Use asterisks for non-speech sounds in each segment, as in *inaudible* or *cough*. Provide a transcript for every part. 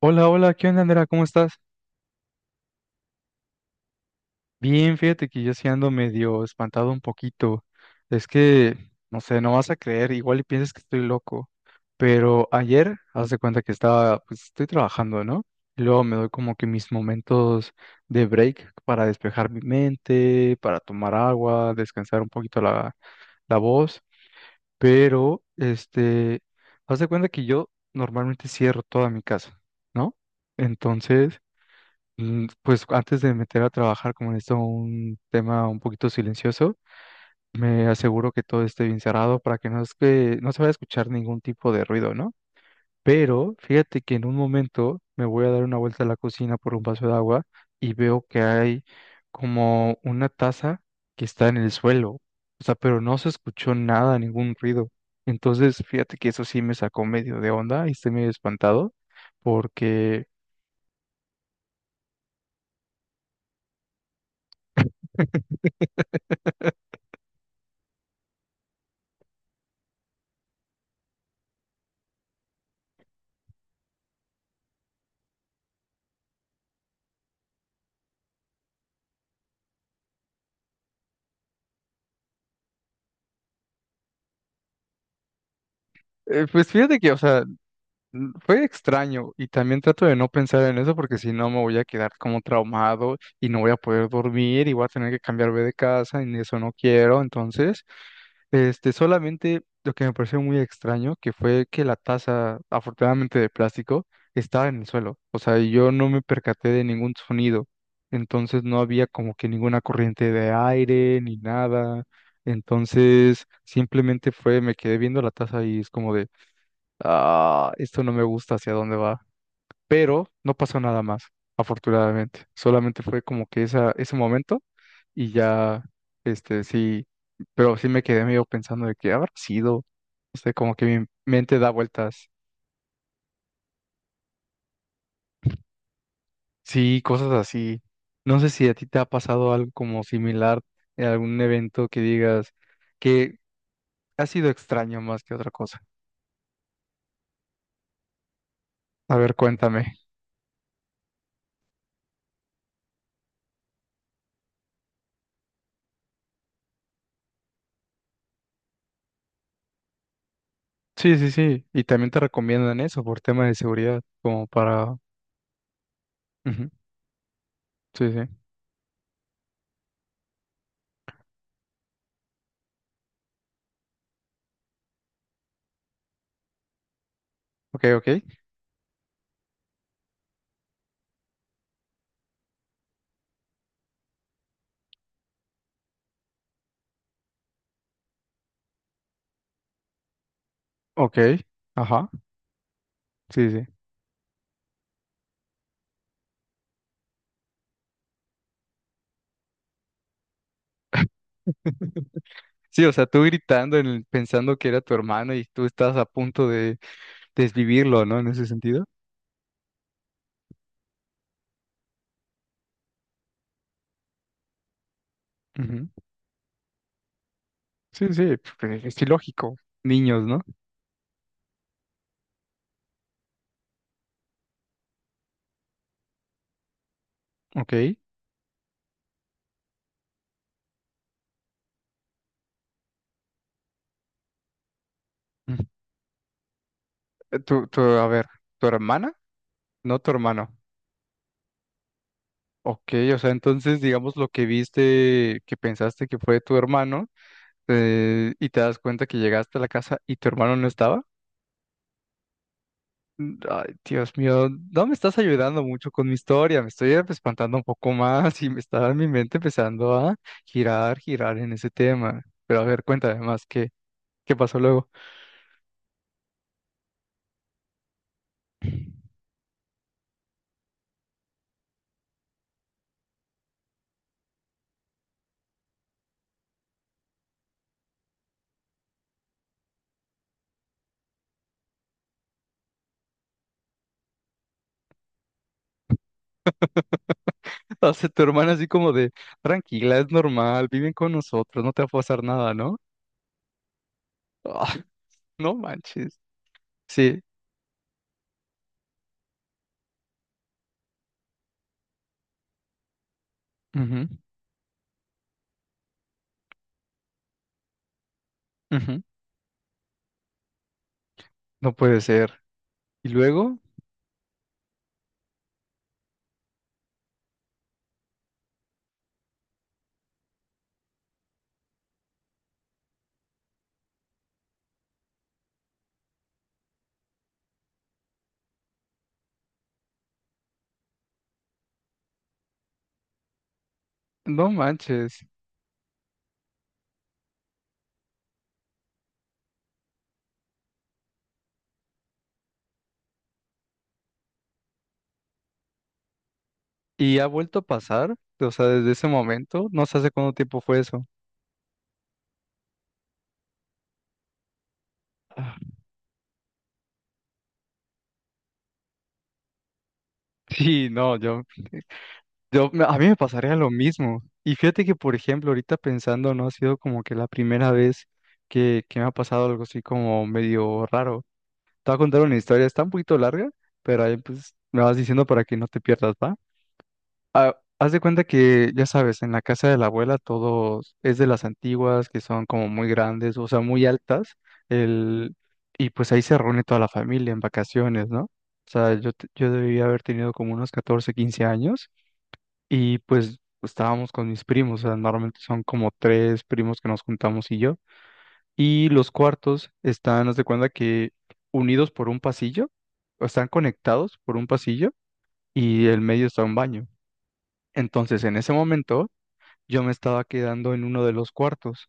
Hola, hola, ¿qué onda, Andrea? ¿Cómo estás? Bien, fíjate que yo sí ando medio espantado un poquito. Es que, no sé, no vas a creer, igual y piensas que estoy loco. Pero ayer, haz de cuenta que pues estoy trabajando, ¿no? Y luego me doy como que mis momentos de break para despejar mi mente, para tomar agua, descansar un poquito la voz. Pero, este, haz de cuenta que yo normalmente cierro toda mi casa, ¿no? Entonces... Pues antes de meter a trabajar, como en esto un tema un poquito silencioso, me aseguro que todo esté bien cerrado para que no es que no se vaya a escuchar ningún tipo de ruido, ¿no? Pero fíjate que en un momento me voy a dar una vuelta a la cocina por un vaso de agua y veo que hay como una taza que está en el suelo. O sea, pero no se escuchó nada, ningún ruido. Entonces, fíjate que eso sí me sacó medio de onda y estoy medio espantado porque pues fíjate que, o sea, fue extraño y también trato de no pensar en eso porque si no me voy a quedar como traumado y no voy a poder dormir y voy a tener que cambiarme de casa y eso no quiero. Entonces, este, solamente lo que me pareció muy extraño que fue que la taza, afortunadamente de plástico, estaba en el suelo. O sea, yo no me percaté de ningún sonido. Entonces no había como que ninguna corriente de aire ni nada. Entonces, simplemente fue, me quedé viendo la taza y es como de ah, esto no me gusta hacia dónde va. Pero no pasó nada más, afortunadamente. Solamente fue como que ese momento y ya, este, sí, pero sí me quedé medio pensando de que habrá sido, no sé, como que mi mente da vueltas. Sí, cosas así. No sé si a ti te ha pasado algo como similar en algún evento que digas que ha sido extraño más que otra cosa. A ver, cuéntame. Sí, sí, sí. Y también te recomiendan eso por tema de seguridad, como para... Ujú. Sí, sí. Ok, ok. Ok. Ajá. Sí, sí. Sí, o sea, tú gritando, pensando que era tu hermano y tú estás a punto de desvivirlo, ¿no? En ese sentido. Ujú. Sí, sí, porque es ilógico. Niños, ¿no? Ok. Ujú. A ver, ¿tu hermana? No tu hermano. Ok, o sea, entonces, digamos, lo que viste, que pensaste que fue tu hermano, y te das cuenta que llegaste a la casa y tu hermano no estaba. Ay, Dios mío, no me estás ayudando mucho con mi historia, me estoy espantando un poco más y me está mi mente empezando a girar, girar en ese tema. Pero a ver, cuéntame más, ¿qué pasó luego? *laughs* O sea, tu hermana así como de, tranquila, es normal, viven con nosotros, no te va a pasar nada, ¿no? Ah, *laughs* no manches. Sí, ujú, ujú, no puede ser. Y luego, no manches. ¿Y ha vuelto a pasar? O sea, desde ese momento, no sé hace cuánto tiempo fue eso. Ah, *laughs* Sí, no, a mí me pasaría lo mismo. Y fíjate que, por ejemplo, ahorita pensando, no ha sido como que la primera vez que me ha pasado algo así como medio raro. Te voy a contar una historia, está un poquito larga, pero ahí pues me vas diciendo para que no te pierdas, ¿va? Ah, haz de cuenta que, ya sabes, en la casa de la abuela todo es de las antiguas, que son como muy grandes, o sea, muy altas, el... y pues ahí se reúne toda la familia en vacaciones, ¿no? O sea, yo debía haber tenido como unos 14 15 años. Y pues estábamos con mis primos, o sea, normalmente son como tres primos que nos juntamos y yo. Y los cuartos están, haz de cuenta que unidos por un pasillo, o están conectados por un pasillo y el medio está un baño. Entonces, en ese momento, yo me estaba quedando en uno de los cuartos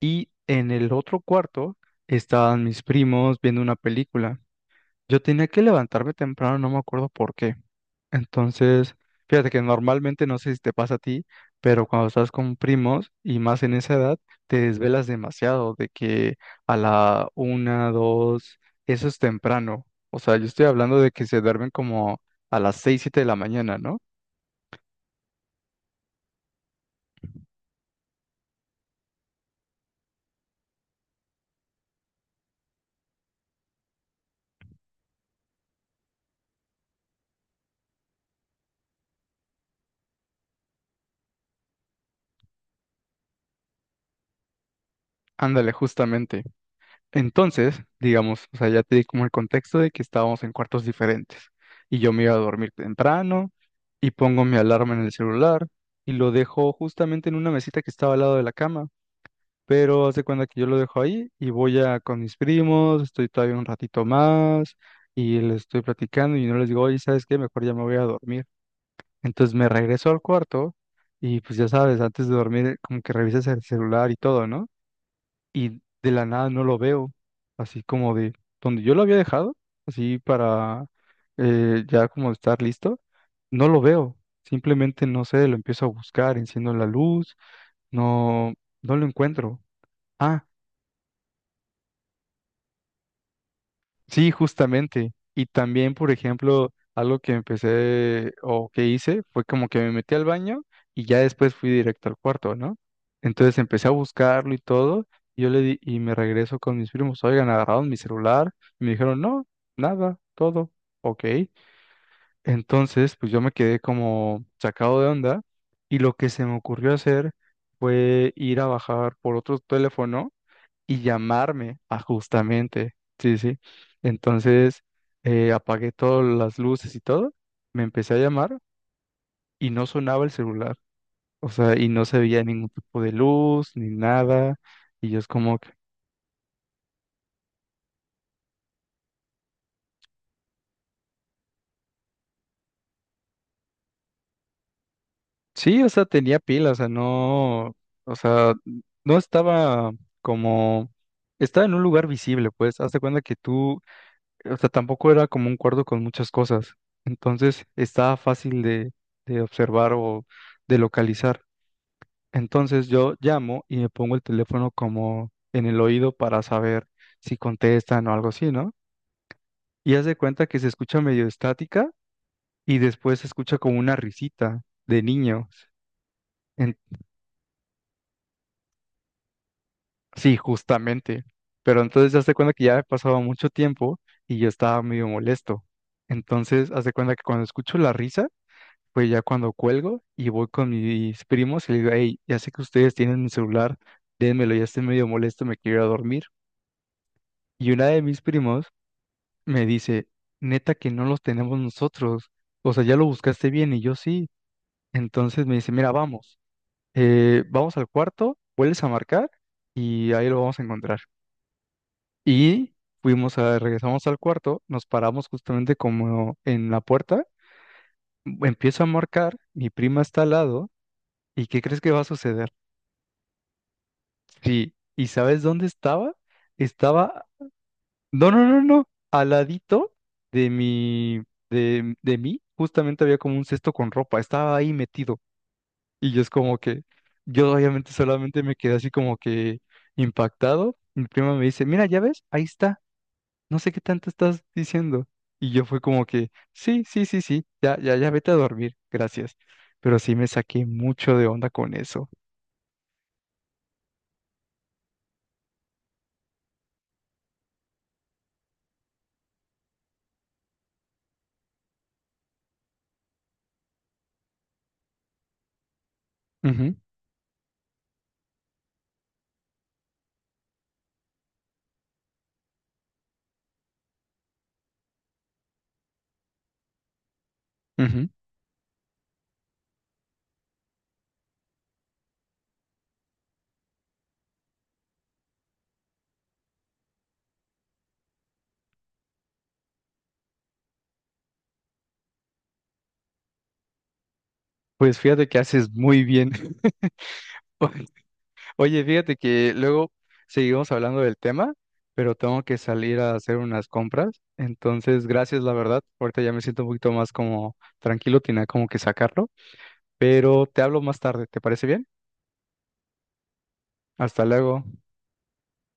y en el otro cuarto estaban mis primos viendo una película. Yo tenía que levantarme temprano, no me acuerdo por qué. Entonces, fíjate que normalmente, no sé si te pasa a ti, pero cuando estás con primos y más en esa edad, te desvelas demasiado de que a la una, dos, eso es temprano. O sea, yo estoy hablando de que se duermen como a las seis, siete de la mañana, ¿no? Ándale, justamente. Entonces, digamos, o sea, ya te di como el contexto de que estábamos en cuartos diferentes y yo me iba a dormir temprano y pongo mi alarma en el celular y lo dejo justamente en una mesita que estaba al lado de la cama. Pero haz de cuenta que yo lo dejo ahí y voy a con mis primos, estoy todavía un ratito más y les estoy platicando y no les digo, oye, ¿sabes qué? Mejor ya me voy a dormir. Entonces me regreso al cuarto y pues ya sabes, antes de dormir como que revisas el celular y todo, ¿no? Y de la nada no lo veo, así como de donde yo lo había dejado, así para ya como estar listo, no lo veo. Simplemente no sé, lo empiezo a buscar, enciendo la luz, no, no lo encuentro. Ah. Sí, justamente. Y también, por ejemplo, algo que empecé o que hice fue como que me metí al baño y ya después fui directo al cuarto, ¿no? Entonces empecé a buscarlo y todo. Y yo le di y me regreso con mis primos. Oigan, agarraron mi celular. Y me dijeron, no, nada, todo. Ok. Entonces, pues yo me quedé como sacado de onda. Y lo que se me ocurrió hacer fue ir a bajar por otro teléfono y llamarme a justamente, sí, sí. Entonces apagué todas las luces y todo, me empecé a llamar y no sonaba el celular, o sea, y no se veía ningún tipo de luz ni nada, y yo es como que, sí, o sea, tenía pila, o sea, no estaba como... Estaba en un lugar visible, pues, hazte cuenta que tú, o sea, tampoco era como un cuarto con muchas cosas, entonces estaba fácil de observar o de localizar. Entonces yo llamo y me pongo el teléfono como en el oído para saber si contestan o algo así, ¿no? Y haz de cuenta que se escucha medio estática y después se escucha como una risita de niños. En- Sí, justamente. Pero entonces haz de cuenta que ya ha pasado mucho tiempo y yo estaba medio molesto. Entonces haz de cuenta que cuando escucho la risa, pues ya cuando cuelgo y voy con mis primos y les digo, hey, ya sé que ustedes tienen mi celular, dénmelo, ya estoy medio molesto, me quiero ir a dormir. Y una de mis primos me dice, neta que no los tenemos nosotros. O sea, ya lo buscaste bien y yo sí. Entonces me dice, mira, vamos, vamos al cuarto, vuelves a marcar y ahí lo vamos a encontrar. Y regresamos al cuarto, nos paramos justamente como en la puerta, empiezo a marcar, mi prima está al lado, ¿y qué crees que va a suceder? Sí, ¿y sabes dónde estaba? Estaba... No, no, no, no. Al ladito de mi, de mí, justamente había como un cesto con ropa. Estaba ahí metido. Y yo es como que, yo obviamente solamente me quedé así como que impactado. Mi prima me dice, mira, ya ves, ahí está. No sé qué tanto estás diciendo. Y yo fue como que, sí, sí, sí, sí, ya, ya, ya vete a dormir, gracias. Pero sí me saqué mucho de onda con eso. Ujú, ujú. Pues fíjate que haces muy bien. *laughs* Oye, fíjate que luego seguimos hablando del tema, pero tengo que salir a hacer unas compras. Entonces, gracias, la verdad. Ahorita ya me siento un poquito más como tranquilo, tenía como que sacarlo. Pero te hablo más tarde, ¿te parece bien? Hasta luego.